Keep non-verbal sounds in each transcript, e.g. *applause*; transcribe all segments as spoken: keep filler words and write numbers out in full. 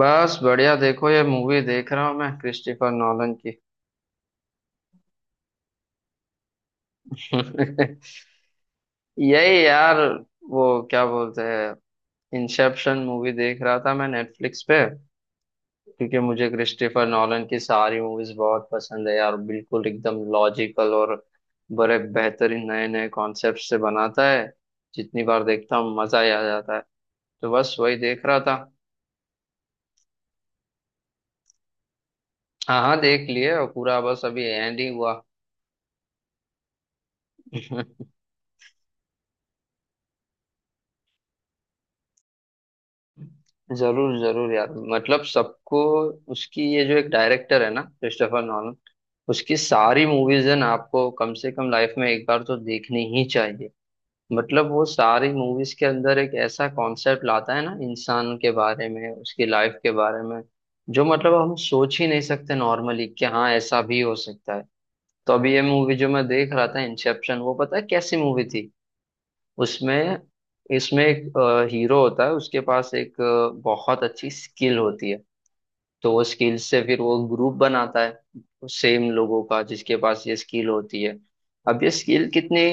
बस बढ़िया। देखो ये मूवी देख रहा हूँ मैं क्रिस्टोफर नॉलन की। *laughs* यही यार, वो क्या बोलते हैं, इंसेप्शन मूवी देख रहा था मैं नेटफ्लिक्स पे। क्योंकि मुझे क्रिस्टोफर नॉलन की सारी मूवीज बहुत पसंद है यार, बिल्कुल एकदम लॉजिकल, और बड़े बेहतरीन नए नए कॉन्सेप्ट से बनाता है। जितनी बार देखता हूँ मजा ही आ जाता है। तो बस वही देख रहा था। हाँ हाँ, देख लिए, और पूरा बस अभी एंड ही हुआ। *laughs* जरूर जरूर यार, मतलब सबको उसकी, ये जो एक डायरेक्टर है ना क्रिस्टोफर नॉलन, उसकी सारी मूवीज है ना, आपको कम से कम लाइफ में एक बार तो देखनी ही चाहिए। मतलब वो सारी मूवीज के अंदर एक ऐसा कॉन्सेप्ट लाता है ना इंसान के बारे में, उसकी लाइफ के बारे में, जो मतलब हम सोच ही नहीं सकते नॉर्मली, कि हाँ ऐसा भी हो सकता है। तो अभी ये मूवी जो मैं देख रहा था इंसेप्शन, वो पता है कैसी मूवी थी। उसमें इसमें एक हीरो होता है, उसके पास एक अ, बहुत अच्छी स्किल होती है। तो वो स्किल से फिर वो ग्रुप बनाता है, सेम लोगों का जिसके पास ये स्किल होती है। अब ये स्किल कितनी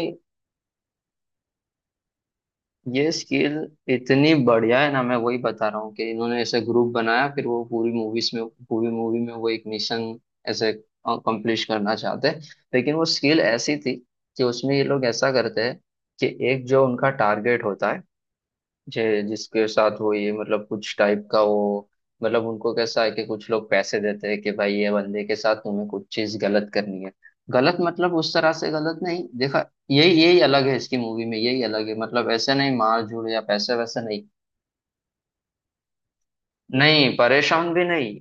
ये स्किल इतनी बढ़िया है ना, मैं वही बता रहा हूँ कि इन्होंने ऐसे ग्रुप बनाया। फिर वो पूरी मूवीज में पूरी मूवी में वो एक मिशन ऐसे कंप्लीट करना चाहते हैं। लेकिन वो स्किल ऐसी थी कि उसमें ये लोग ऐसा करते हैं कि एक जो उनका टारगेट होता है, जे जिसके साथ वो ये, मतलब कुछ टाइप का वो, मतलब उनको कैसा है कि कुछ लोग पैसे देते हैं कि भाई ये बंदे के साथ तुम्हें कुछ चीज गलत करनी है। गलत मतलब उस तरह से गलत नहीं देखा, यही यही अलग है इसकी मूवी में, यही अलग है मतलब, ऐसे नहीं मार झूड़ या पैसे वैसे नहीं, नहीं परेशान भी नहीं।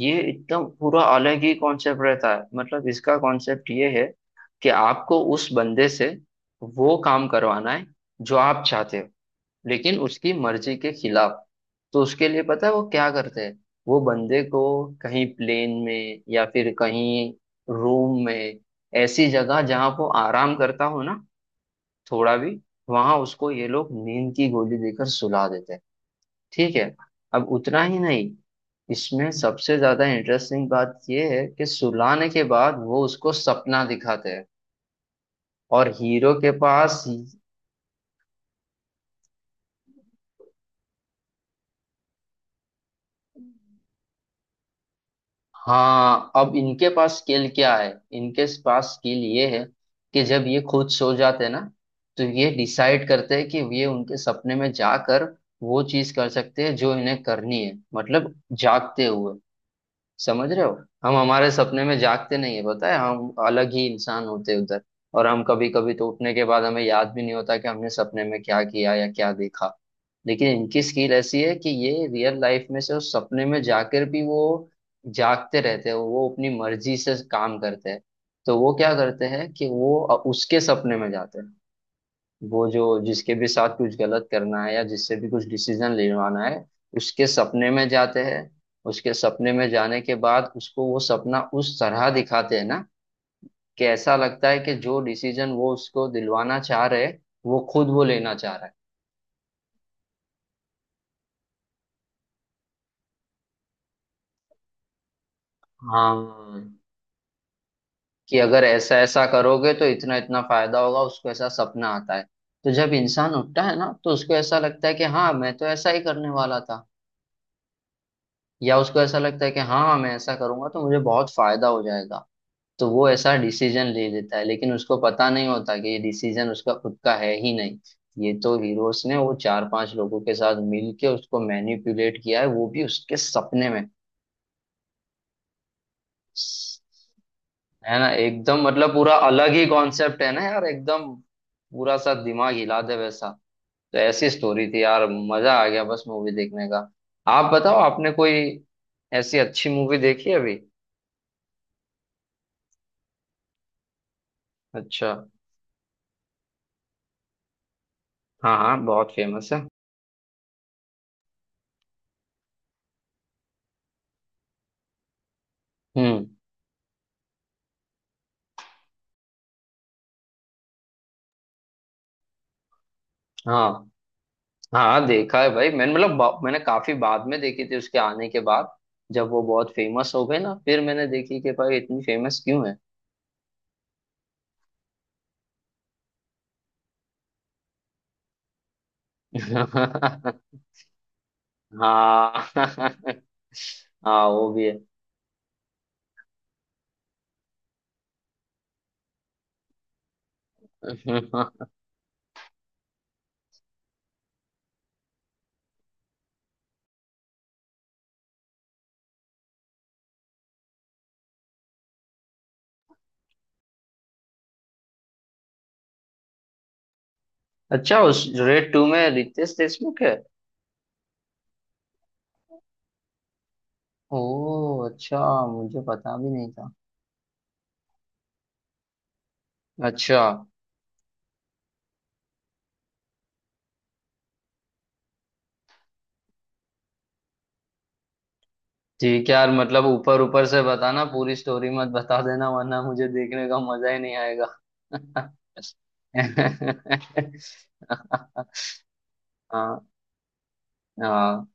ये एकदम पूरा अलग ही कॉन्सेप्ट रहता है। मतलब इसका कॉन्सेप्ट ये है कि आपको उस बंदे से वो काम करवाना है जो आप चाहते हो, लेकिन उसकी मर्जी के खिलाफ। तो उसके लिए पता है वो क्या करते हैं, वो बंदे को कहीं प्लेन में, या फिर कहीं रूम में, ऐसी जगह जहां वो आराम करता हो ना थोड़ा भी, वहां उसको ये लोग नींद की गोली देकर सुला देते हैं। ठीक है। अब उतना ही नहीं, इसमें सबसे ज्यादा इंटरेस्टिंग बात यह है कि सुलाने के बाद वो उसको सपना दिखाते हैं, और हीरो के पास, हाँ अब इनके पास स्किल क्या है, इनके पास स्किल ये है कि जब ये खुद सो जाते हैं ना तो ये डिसाइड करते हैं कि ये उनके सपने में जाकर वो चीज कर सकते हैं जो इन्हें करनी है, मतलब जागते हुए। समझ रहे हो, हम हमारे सपने में जागते नहीं है, पता है, हम अलग ही इंसान होते हैं उधर। और हम कभी कभी तो उठने के बाद हमें याद भी नहीं होता कि हमने सपने में क्या किया या क्या देखा। लेकिन इनकी स्किल ऐसी है कि ये रियल लाइफ में से उस सपने में जाकर भी वो जागते रहते हैं, वो अपनी मर्जी से काम करते हैं। तो वो क्या करते हैं कि वो उसके सपने में जाते हैं, वो जो जिसके भी साथ कुछ गलत करना है या जिससे भी कुछ डिसीजन लेवाना है, उसके सपने में जाते हैं। उसके सपने में जाने के बाद उसको वो सपना उस तरह दिखाते हैं ना कि ऐसा लगता है कि जो डिसीजन वो उसको दिलवाना चाह रहे हैं, वो खुद वो लेना चाह रहा है। हाँ कि अगर ऐसा ऐसा करोगे तो इतना इतना फायदा होगा, उसको ऐसा सपना आता है। तो जब इंसान उठता है ना तो उसको ऐसा लगता है कि हाँ मैं तो ऐसा ही करने वाला था, या उसको ऐसा लगता है कि हाँ मैं ऐसा करूंगा तो मुझे बहुत फायदा हो जाएगा। तो वो ऐसा डिसीजन ले लेता है, लेकिन उसको पता नहीं होता कि ये डिसीजन उसका खुद का है ही नहीं। ये तो हीरोस ने वो चार पांच लोगों के साथ मिल के उसको मैनिपुलेट किया है, वो भी उसके सपने में। है ना, एकदम मतलब पूरा अलग ही कॉन्सेप्ट है ना यार, एकदम पूरा सा दिमाग हिला दे वैसा। तो ऐसी स्टोरी थी यार, मजा आ गया बस मूवी देखने का। आप बताओ, आपने कोई ऐसी अच्छी मूवी देखी है अभी? अच्छा। हाँ हाँ, बहुत फेमस है। हम्म। हाँ हाँ देखा है भाई मैंने, मतलब बा- मैंने काफी बाद में देखी थी उसके आने के बाद। जब वो बहुत फेमस हो गए ना, फिर मैंने देखी कि भाई इतनी फेमस क्यों है। *laughs* हाँ *laughs* हाँ वो भी है। *laughs* अच्छा, उस रेड टू में रितेश देशमुख है? ओ अच्छा, मुझे पता भी नहीं था। अच्छा। ठीक है यार, मतलब ऊपर ऊपर से बताना, पूरी स्टोरी मत बता देना वरना मुझे देखने का मजा ही नहीं आएगा। *laughs* हाँ हाँ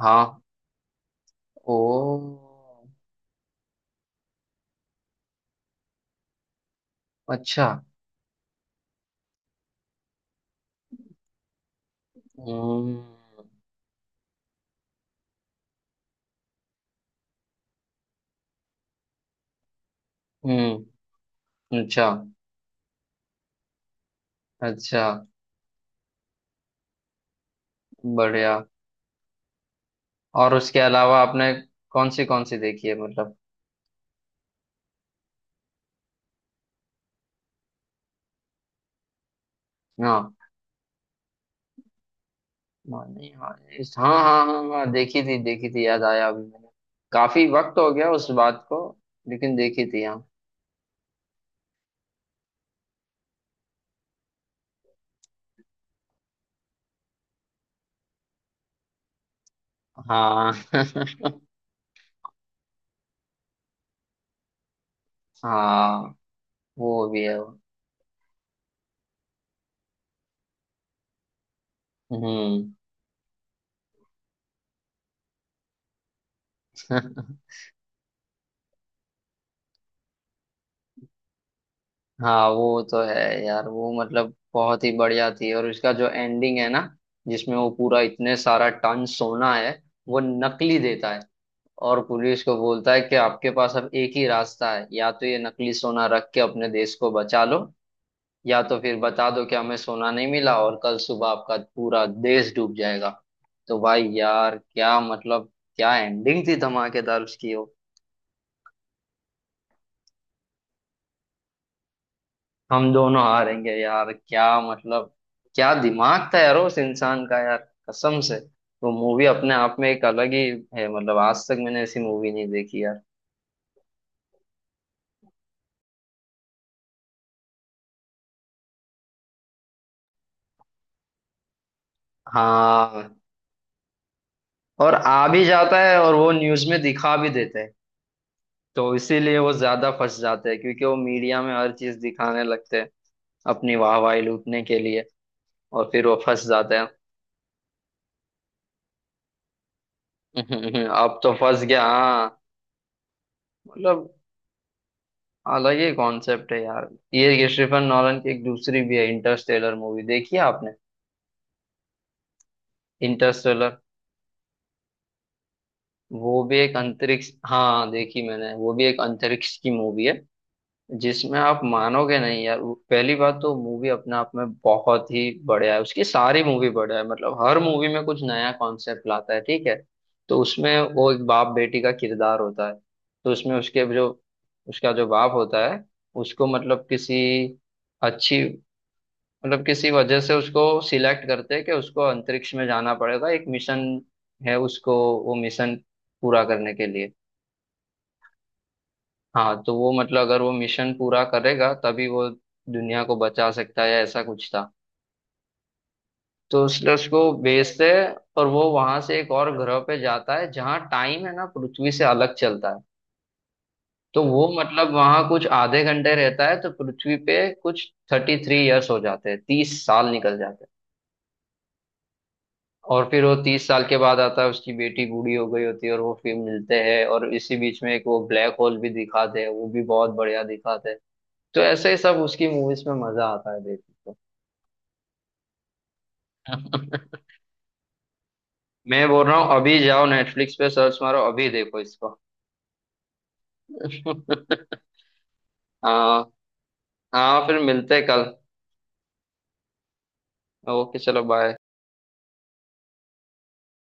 हाँ। ओ अच्छा। हम्म। हम्म। अच्छा। अच्छा, बढ़िया। और उसके अलावा आपने कौन सी कौन सी देखी है, मतलब? हाँ, मानी, हाँ इस- हाँ हाँ हाँ हाँ, देखी थी देखी थी, याद आया अभी मैंने, काफी वक्त हो गया उस बात को, लेकिन देखी थी हाँ। हाँ *laughs* हाँ वो भी है वो। हम्म *laughs* हाँ, वो तो है। यार वो मतलब बहुत ही बढ़िया थी, और इसका जो एंडिंग है ना, जिसमें वो पूरा इतने सारा टन सोना है वो नकली देता है, और पुलिस को बोलता है कि आपके पास अब एक ही रास्ता है, या तो ये नकली सोना रख के अपने देश को बचा लो, या तो फिर बता दो कि हमें सोना नहीं मिला और कल सुबह आपका पूरा देश डूब जाएगा। तो भाई यार क्या मतलब, क्या एंडिंग थी धमाकेदार उसकी। हम दोनों हारेंगे यार, क्या मतलब, क्या दिमाग था यार उस इंसान का यार, कसम से। वो मूवी अपने आप में एक अलग ही है, मतलब आज तक मैंने ऐसी मूवी नहीं देखी यार। हाँ, और आ भी जाता है, और वो न्यूज में दिखा भी देते हैं। तो इसीलिए वो ज्यादा फंस जाते हैं क्योंकि वो मीडिया में हर चीज दिखाने लगते हैं अपनी वाहवाही लूटने के लिए, और फिर वो फंस जाते हैं। *laughs* अब तो फंस गया हाँ। मतलब अलग ही कॉन्सेप्ट है यार। ये क्रिस्टोफर नॉलन की एक दूसरी भी है इंटरस्टेलर, मूवी देखी है आपने? इंटरस्टेलर, वो भी एक अंतरिक्ष, हाँ देखी मैंने, वो भी एक अंतरिक्ष की मूवी है, जिसमें आप मानोगे नहीं यार। वो- पहली बात तो मूवी अपने आप में बहुत ही बढ़िया है, उसकी सारी मूवी बढ़िया है, मतलब हर मूवी में कुछ नया कॉन्सेप्ट लाता है, ठीक है। तो उसमें वो एक बाप बेटी का किरदार होता है। तो उसमें उसके जो, उसका जो बाप होता है, उसको मतलब किसी अच्छी, मतलब किसी वजह से उसको सिलेक्ट करते हैं कि उसको अंतरिक्ष में जाना पड़ेगा, एक मिशन है उसको, वो मिशन पूरा करने के लिए। हाँ, तो वो मतलब अगर वो मिशन पूरा करेगा तभी वो दुनिया को बचा सकता है, ऐसा कुछ था। तो उसने उसको भेजते हैं, और वो वहां से एक और ग्रह पे जाता है जहाँ टाइम है ना पृथ्वी से अलग चलता है। तो वो मतलब वहां कुछ आधे घंटे रहता है तो पृथ्वी पे कुछ थर्टी थ्री ईयर्स हो जाते हैं, तीस साल निकल जाते हैं। और फिर वो तीस साल के बाद आता है, उसकी बेटी बूढ़ी हो गई होती है, और वो फिर मिलते हैं, और इसी बीच में एक वो ब्लैक होल भी दिखाते हैं, वो भी बहुत बढ़िया दिखाते हैं। तो ऐसे ही सब उसकी मूवीज में मजा आता है देखने को। *laughs* मैं बोल रहा हूँ अभी जाओ नेटफ्लिक्स पे सर्च मारो, अभी देखो इसको। *laughs* हाँ। हाँ फिर मिलते हैं कल। ओके चलो, बाय।